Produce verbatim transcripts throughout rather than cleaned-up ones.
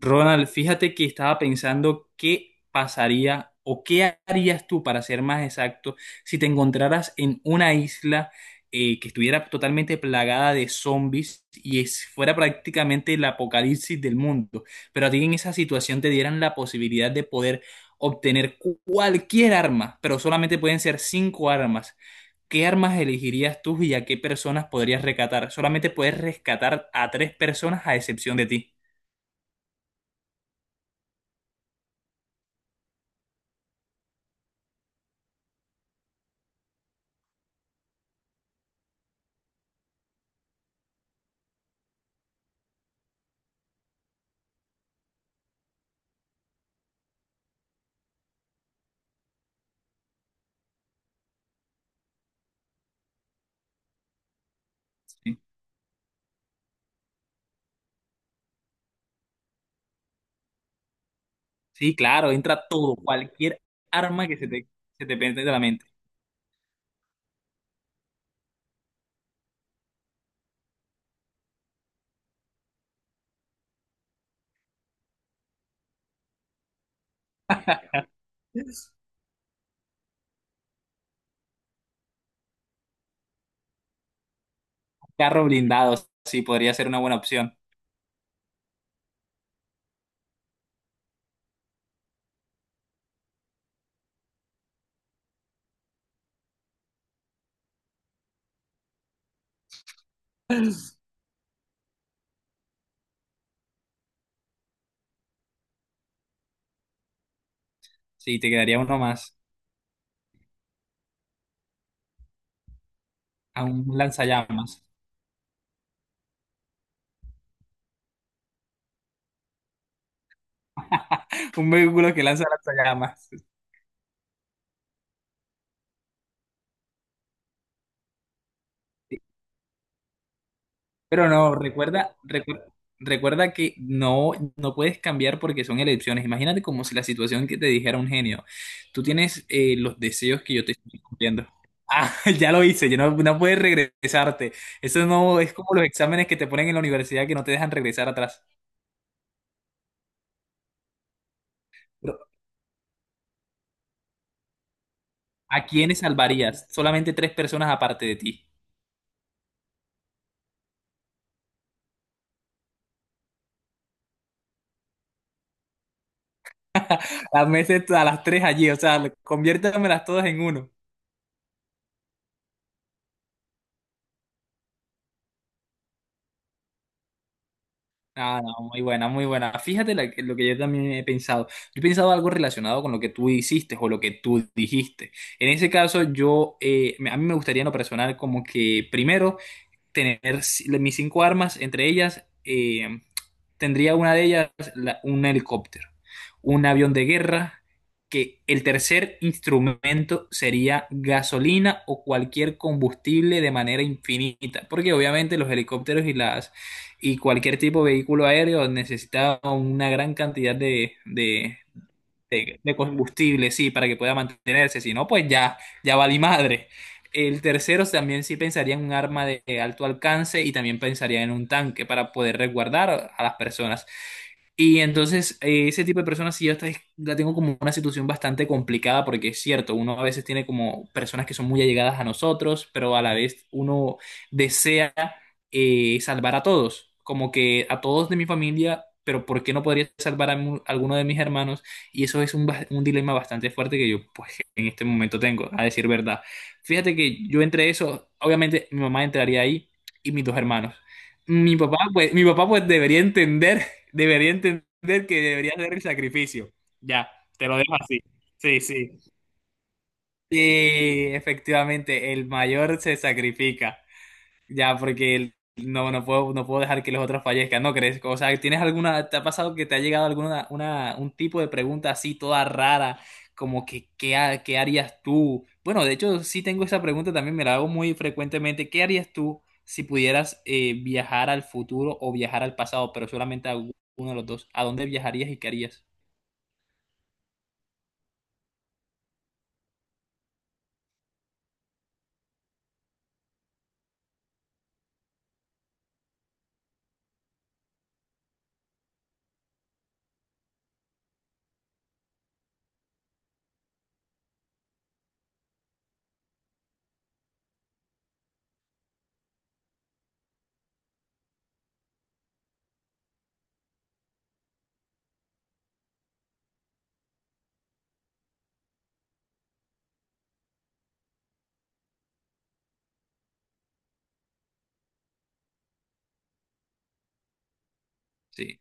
Ronald, fíjate que estaba pensando qué pasaría o qué harías tú, para ser más exacto, si te encontraras en una isla eh, que estuviera totalmente plagada de zombies y es- fuera prácticamente el apocalipsis del mundo. Pero a ti en esa situación te dieran la posibilidad de poder obtener cu- cualquier arma, pero solamente pueden ser cinco armas. ¿Qué armas elegirías tú y a qué personas podrías rescatar? Solamente puedes rescatar a tres personas a excepción de ti. Sí. Sí, claro, entra todo, cualquier arma que se te, se te pende de la mente. Carro blindado, sí, podría ser una buena opción. Sí, te quedaría uno más, a un lanzallamas. Un vehículo que lanza lanzallamas. Pero no, recuerda, recuerda, recuerda que no, no puedes cambiar porque son elecciones. Imagínate como si la situación que te dijera un genio. Tú tienes eh, los deseos que yo te estoy cumpliendo. Ah, ya lo hice, ya no, no puedes regresarte. Eso no es como los exámenes que te ponen en la universidad que no te dejan regresar atrás. Pero, ¿a quiénes salvarías? Solamente tres personas aparte de ti. Las meses a las tres allí, o sea, conviértamelas todas en uno. Ah, no, muy buena, muy buena. Fíjate la que- lo que yo también he pensado. Yo he pensado algo relacionado con lo que tú hiciste o lo que tú dijiste. En ese caso, yo, eh, me- a mí me gustaría en lo personal como que primero tener ci- mis cinco armas, entre ellas eh, tendría una de ellas la- un helicóptero, un avión de guerra, que el tercer instrumento sería gasolina o cualquier combustible de manera infinita, porque obviamente los helicópteros y las y cualquier tipo de vehículo aéreo necesita una gran cantidad de, de, de- de combustible, sí, para que pueda mantenerse, si no, pues ya, ya vale madre. El tercero también sí pensaría en un arma de alto alcance y también pensaría en un tanque para poder resguardar a las personas. Y entonces, eh, ese tipo de personas, sí, yo hasta es- la tengo como una situación bastante complicada, porque es cierto, uno a veces tiene como personas que son muy allegadas a nosotros, pero a la vez uno desea eh, salvar a todos, como que a todos de mi familia, pero ¿por qué no podría salvar a mu- alguno de mis hermanos? Y eso es un, bas- un dilema bastante fuerte que yo, pues, en este momento tengo, a decir verdad. Fíjate que yo entre eso, obviamente mi mamá entraría ahí y mis dos hermanos. Mi papá, pues, mi papá, pues, debería entender. Debería entender que debería hacer el sacrificio. Ya, te lo dejo así. Sí, sí. Y efectivamente, el mayor se sacrifica. Ya, porque el- no, no puedo, no puedo dejar que los otros fallezcan, ¿no crees? O sea, ¿tienes alguna, te ha pasado que te ha llegado alguna, una, un tipo de pregunta así toda rara, como que, ¿qué, ha- qué harías tú? Bueno, de hecho, sí tengo esa pregunta también, me la hago muy frecuentemente. ¿Qué harías tú si pudieras eh, viajar al futuro o viajar al pasado, pero solamente a uno de los dos? ¿A dónde viajarías y qué harías? Sí,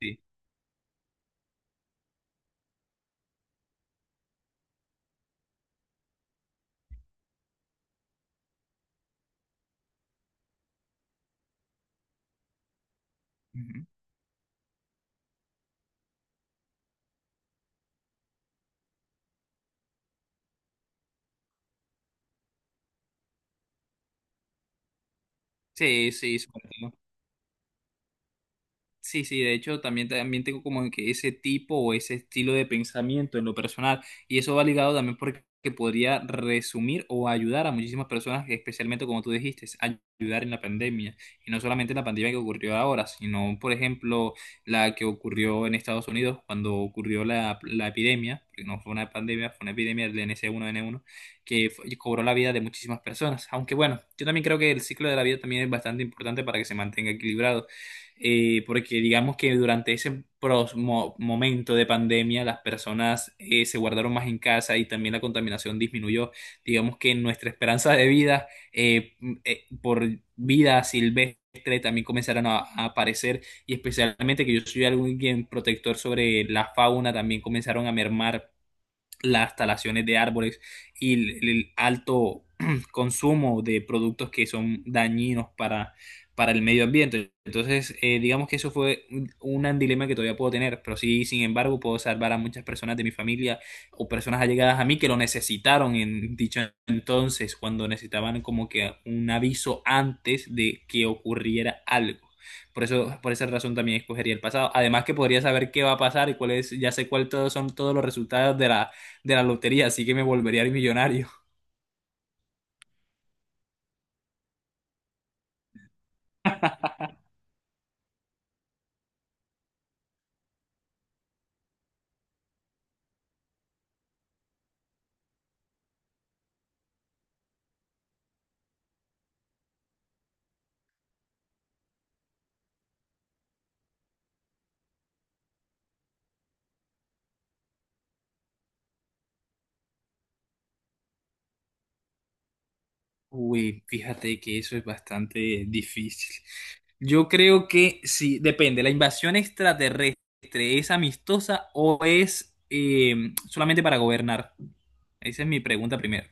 sí. Ujú. Sí, sí, sí. Sí, sí, de hecho también, también tengo como que ese tipo o ese estilo de pensamiento en lo personal y eso va ligado también porque podría resumir o ayudar a muchísimas personas, especialmente como tú dijiste, ayudar en la pandemia y no solamente en la pandemia que ocurrió ahora, sino por ejemplo la que ocurrió en Estados Unidos cuando ocurrió la, la epidemia, que no fue una pandemia, fue una epidemia del N C uno N uno que fue- cobró la vida de muchísimas personas, aunque bueno, yo también creo que el ciclo de la vida también es bastante importante para que se mantenga equilibrado. Eh, porque digamos que durante ese pros- mo- momento de pandemia las personas eh, se guardaron más en casa y también la contaminación disminuyó. Digamos que nuestra esperanza de vida eh, m- eh, por vida silvestre también comenzaron a, a aparecer y especialmente que yo soy alguien protector sobre la fauna, también comenzaron a mermar las talaciones de árboles y el, el alto consumo de productos que son dañinos para, para el medio ambiente. Entonces, eh, digamos que eso fue un, un dilema que todavía puedo tener, pero sí, sin embargo, puedo salvar a muchas personas de mi familia o personas allegadas a mí que lo necesitaron en dicho entonces, cuando necesitaban como que un aviso antes de que ocurriera algo. Por eso, por esa razón también escogería el pasado. Además que podría saber qué va a pasar y cuáles, ya sé cuáles todos son todos los resultados de la, de la lotería, así que me volvería millonario. Uy, fíjate que eso es bastante difícil. Yo creo que sí, depende, la invasión extraterrestre es amistosa o es eh, solamente para gobernar. Esa es mi pregunta primero.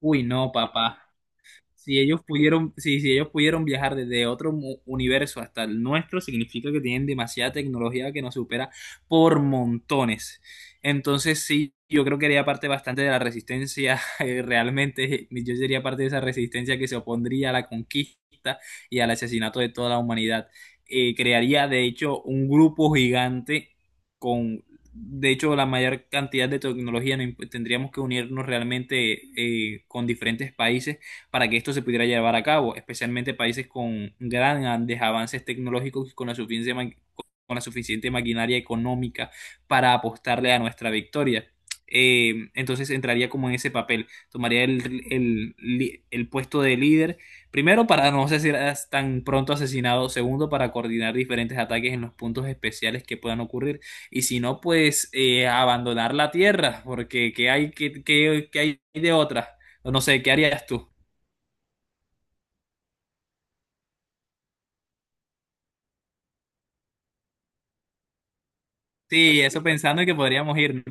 Uy, no, papá. Si ellos pudieron, si, si ellos pudieron viajar desde otro mu- universo hasta el nuestro, significa que tienen demasiada tecnología que nos supera por montones. Entonces, sí, yo creo que haría parte bastante de la resistencia, eh, realmente, yo sería parte de esa resistencia que se opondría a la conquista y al asesinato de toda la humanidad. Eh, crearía, de hecho, un grupo gigante con, de hecho, la mayor cantidad de tecnología. No imp- Tendríamos que unirnos realmente eh, con diferentes países para que esto se pudiera llevar a cabo, especialmente países con grandes avances tecnológicos y con la suficiente, ma- con la suficiente maquinaria económica para apostarle a nuestra victoria. Eh, entonces entraría como en ese papel, tomaría el, el li- el puesto de líder, primero para no ser as- tan pronto asesinado, segundo para coordinar diferentes ataques en los puntos especiales que puedan ocurrir y si no, pues eh, abandonar la tierra, porque ¿qué hay, qué, qué- qué hay de otra? No sé, ¿qué harías tú? Sí, eso pensando que podríamos irnos.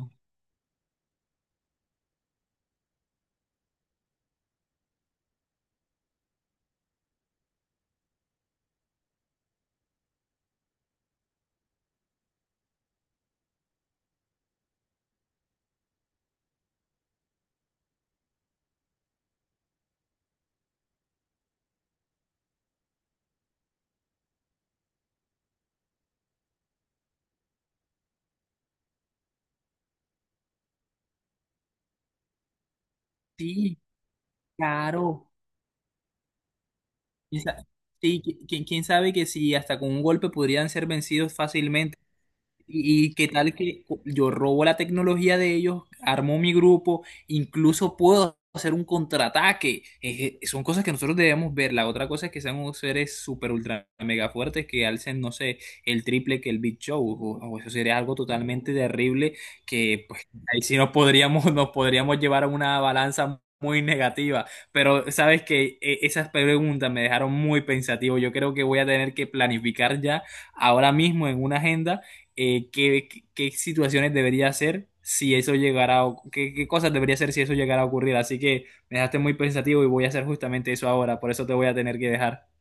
Sí, claro. Quién sa- Sí, qui- qui- quién sabe que si hasta con un golpe podrían ser vencidos fácilmente. Y qué tal que yo robo la tecnología de ellos, armo mi grupo, incluso puedo hacer un contraataque. Es que son cosas que nosotros debemos ver. La otra cosa es que sean unos seres super ultra mega fuertes que alcen, no sé, el triple que el Big Show. O, o eso sería algo totalmente terrible que pues ahí sí nos podríamos, nos podríamos llevar a una balanza muy negativa. Pero sabes que eh, esas preguntas me dejaron muy pensativo. Yo creo que voy a tener que planificar ya ahora mismo en una agenda eh, qué, qué- qué situaciones debería hacer si eso llegara a, qué, qué cosas debería hacer si eso llegara a ocurrir. Así que me dejaste muy pensativo y voy a hacer justamente eso ahora, por eso te voy a tener que dejar.